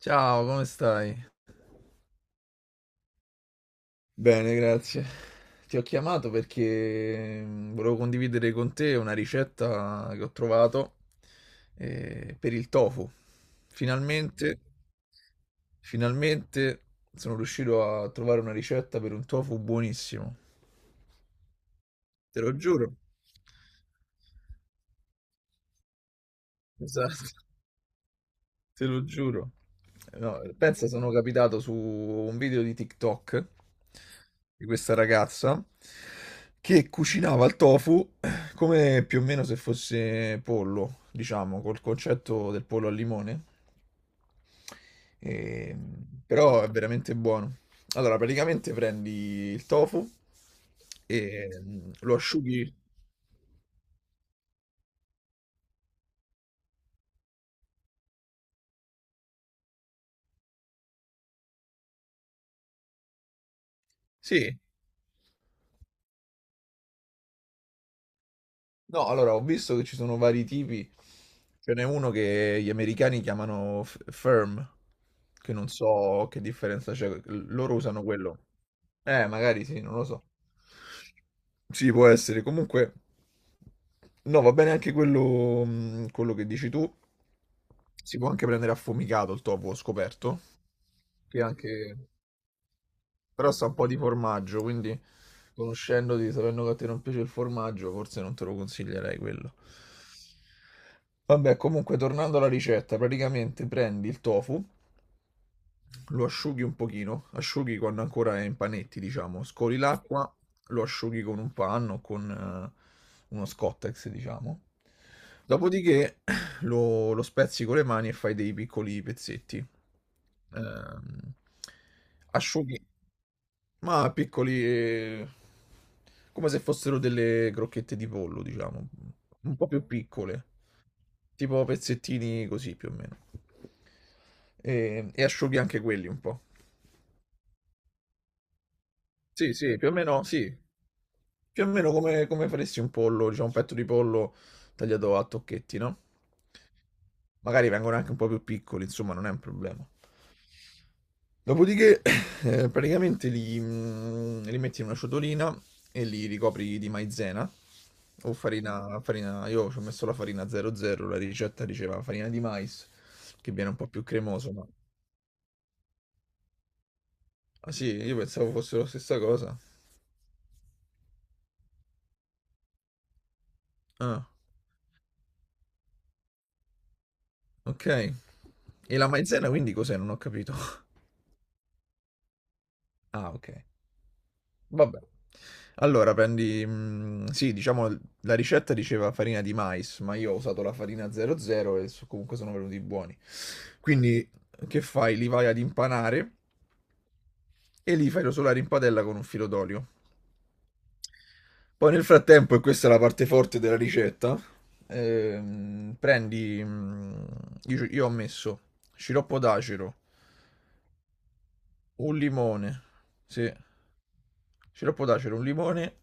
Ciao, come stai? Bene, grazie. Ti ho chiamato perché volevo condividere con te una ricetta che ho trovato per il tofu. Finalmente, finalmente sono riuscito a trovare una ricetta per un tofu buonissimo. Te lo giuro. Esatto. Te lo giuro. No, pensa, sono capitato su un video di TikTok di questa ragazza che cucinava il tofu come più o meno se fosse pollo, diciamo, col concetto del pollo al limone. E- Però è veramente buono. Allora, praticamente prendi il tofu e lo asciughi. Sì. No, allora ho visto che ci sono vari tipi. Ce n'è uno che gli americani chiamano firm, che non so che differenza c'è. Loro usano quello. Magari sì, non lo so. Sì, può essere. Comunque, no, va bene anche quello, quello che dici tu. Si può anche prendere affumicato il tofu, ho scoperto. Che anche. Però sta un po' di formaggio, quindi conoscendoti, sapendo che a te non piace il formaggio, forse non te lo consiglierei quello. Vabbè, comunque, tornando alla ricetta, praticamente prendi il tofu, lo asciughi un pochino, asciughi quando ancora è in panetti, diciamo, scoli l'acqua, lo asciughi con un panno, con uno Scottex, diciamo. Dopodiché lo spezzi con le mani e fai dei piccoli pezzetti. Ehm, asciughi. Ma piccoli, come se fossero delle crocchette di pollo, diciamo, un po' più piccole, tipo pezzettini così più o meno. E asciughi anche quelli un po'. Sì, sì, più o meno, sì. Più o meno come, come faresti un pollo, diciamo un petto di pollo tagliato a tocchetti, no? Magari vengono anche un po' più piccoli, insomma, non è un problema. Dopodiché, praticamente li metti in una ciotolina e li ricopri di maizena o farina. Io ci ho messo la farina 00, la ricetta diceva farina di mais, che viene un po' più cremoso, ma... Ah sì, io pensavo fosse la stessa cosa. Ah, ok. E la maizena quindi cos'è? Non ho capito. Ah, ok. Vabbè. Allora sì, diciamo la ricetta diceva farina di mais, ma io ho usato la farina 00 e comunque sono venuti buoni. Quindi che fai? Li vai ad impanare e li fai rosolare in padella con un filo d'olio. Poi nel frattempo, e questa è la parte forte della ricetta, prendi, io ho messo sciroppo d'acero, un limone, sì. Ce lo può dare, c'era un limone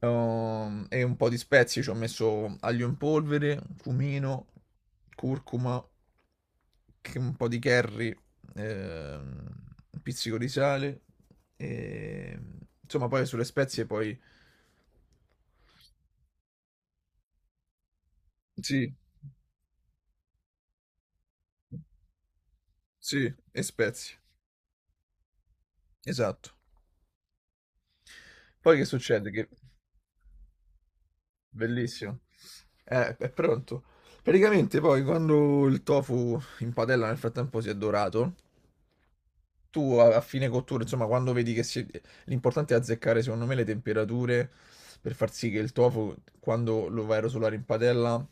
e un po' di spezie. Ci ho messo aglio in polvere, cumino, curcuma, un po' di curry, ehm, un pizzico di sale. E... Insomma, poi sulle spezie poi... Sì, sì, e spezie, esatto. Poi che succede? Che... Bellissimo. È pronto. Praticamente poi quando il tofu in padella nel frattempo si è dorato, tu a fine cottura, insomma, quando vedi che si... L'importante è azzeccare, secondo me, le temperature per far sì che il tofu, quando lo vai a rosolare in padella,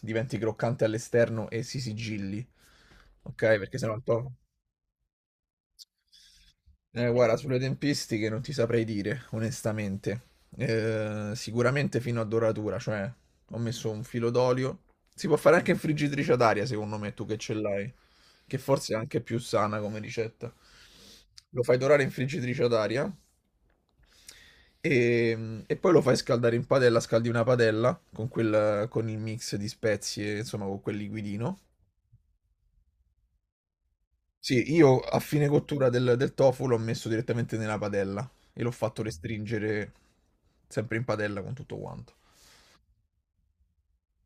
diventi croccante all'esterno e si sigilli. Ok? Perché sennò il tofu... guarda, sulle tempistiche non ti saprei dire, onestamente. Sicuramente fino a doratura, cioè ho messo un filo d'olio. Si può fare anche in friggitrice ad aria, secondo me, tu che ce l'hai, che forse è anche più sana come ricetta. Lo fai dorare in friggitrice ad aria e poi lo fai scaldare in padella, scaldi una padella con, quel, con il mix di spezie, insomma, con quel liquidino. Sì, io a fine cottura del tofu l'ho messo direttamente nella padella e l'ho fatto restringere sempre in padella con tutto quanto.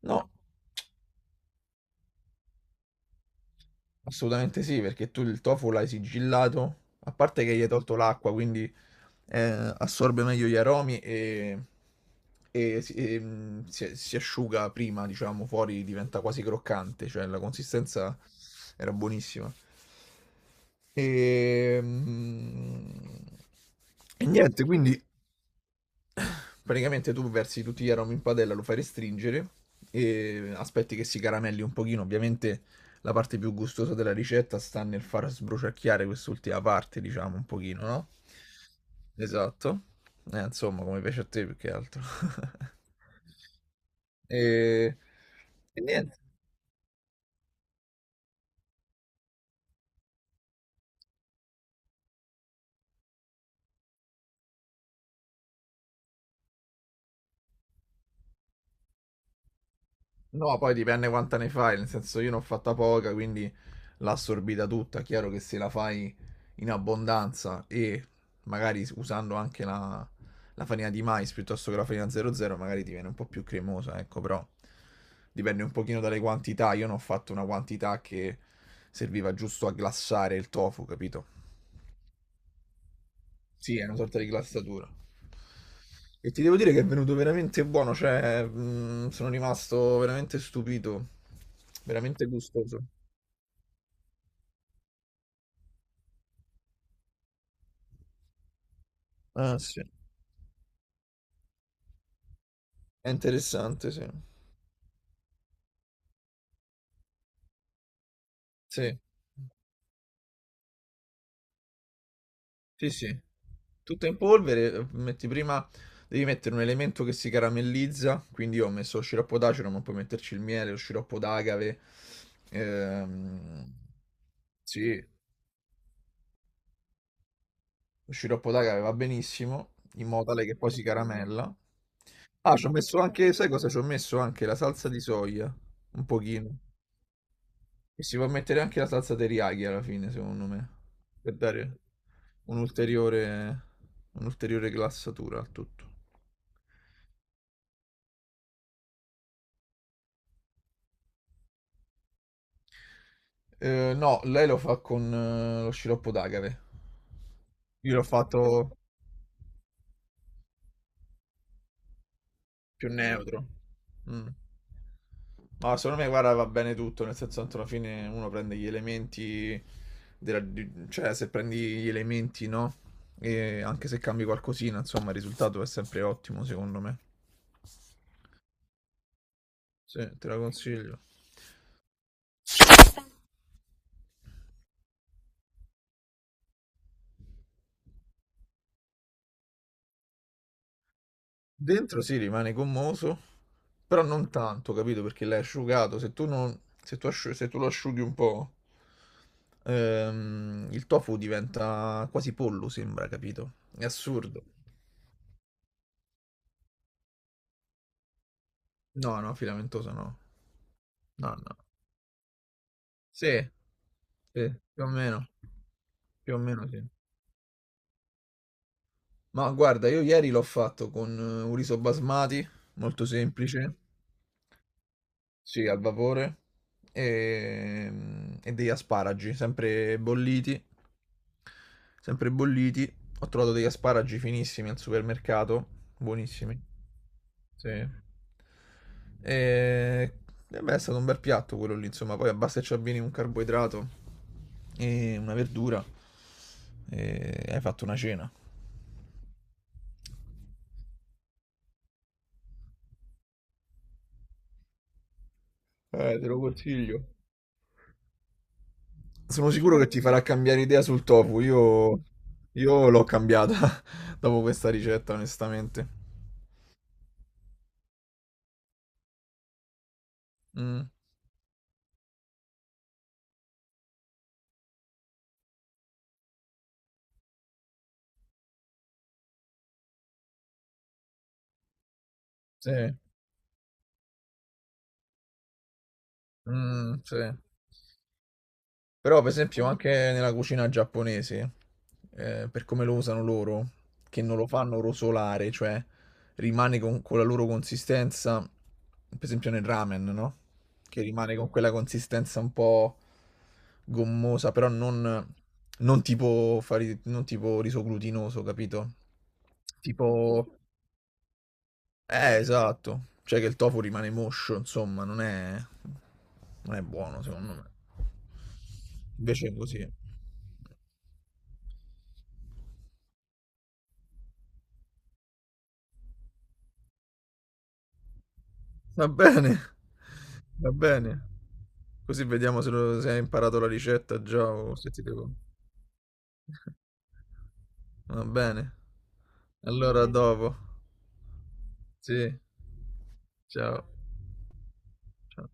No, assolutamente sì, perché tu il tofu l'hai sigillato, a parte che gli hai tolto l'acqua, quindi assorbe meglio gli aromi e si asciuga prima, diciamo, fuori diventa quasi croccante, cioè la consistenza era buonissima. E, mm, e niente, quindi. Praticamente tu versi tutti gli aromi in padella, lo fai restringere e aspetti che si caramelli un pochino. Ovviamente la parte più gustosa della ricetta sta nel far sbruciacchiare quest'ultima parte, diciamo, un pochino, no? Esatto. Insomma, come piace a te più che altro. E, e niente. No, poi dipende quanta ne fai, nel senso io ne ho fatta poca, quindi l'ho assorbita tutta. Chiaro che se la fai in abbondanza e magari usando anche la farina di mais piuttosto che la farina 00, magari ti viene un po' più cremosa, ecco, però dipende un pochino dalle quantità. Io ne ho fatto una quantità che serviva giusto a glassare il tofu, capito? Sì, è una sorta di glassatura. E ti devo dire che è venuto veramente buono, cioè, mm, sono rimasto veramente stupito, veramente gustoso. Ah, sì. È interessante, sì. Sì, sì, sì. Tutto in polvere, metti prima, devi mettere un elemento che si caramellizza, quindi io ho messo lo sciroppo d'acero, ma puoi metterci il miele, lo sciroppo d'agave. Ehm, sì, lo sciroppo d'agave va benissimo, in modo tale che poi si caramella. Ah, ci ho messo anche, sai cosa? Ci ho messo anche la salsa di soia, un pochino. E si può mettere anche la salsa teriyaki alla fine, secondo me, per dare un'ulteriore un'ulteriore glassatura al tutto. No, lei lo fa con lo sciroppo d'agave. Io l'ho fatto, più neutro. Mm. No, secondo me, guarda, va bene tutto, nel senso tanto alla fine uno prende gli elementi cioè se prendi gli elementi, no? E anche se cambi qualcosina, insomma, il risultato è sempre ottimo, secondo me. Sì, te la consiglio. Dentro si rimane gommoso, però non tanto, capito? Perché l'hai asciugato. Se tu non, se tu se tu lo asciughi un po', il tofu diventa quasi pollo, sembra, capito? È assurdo. No, no, filamentoso no. No, no. Sì, sì, più o meno sì. Ma guarda, io ieri l'ho fatto con un riso basmati, molto semplice. Sì, al vapore e, e degli asparagi, sempre bolliti, sempre bolliti. Ho trovato degli asparagi finissimi al supermercato, buonissimi. Sì. E beh, è stato un bel piatto quello lì, insomma, poi basta che ci avvini un carboidrato e una verdura e hai fatto una cena. Te lo consiglio. Sono sicuro che ti farà cambiare idea sul tofu. Io l'ho cambiata dopo questa ricetta, onestamente. Mm, sì, mm, sì. Però, per esempio, anche nella cucina giapponese, per come lo usano loro, che non lo fanno rosolare, cioè rimane con la loro consistenza, per esempio nel ramen, no? Che rimane con quella consistenza un po' gommosa, però non, non tipo, non tipo riso glutinoso, capito? Tipo, esatto. Cioè che il tofu rimane moscio, insomma, non è, non è buono, secondo me. Invece è così. Va bene, va bene. Così vediamo se, se hai imparato la ricetta già o se ti devo... Va bene. Allora, a vabbè, dopo. Sì, ciao. Ciao.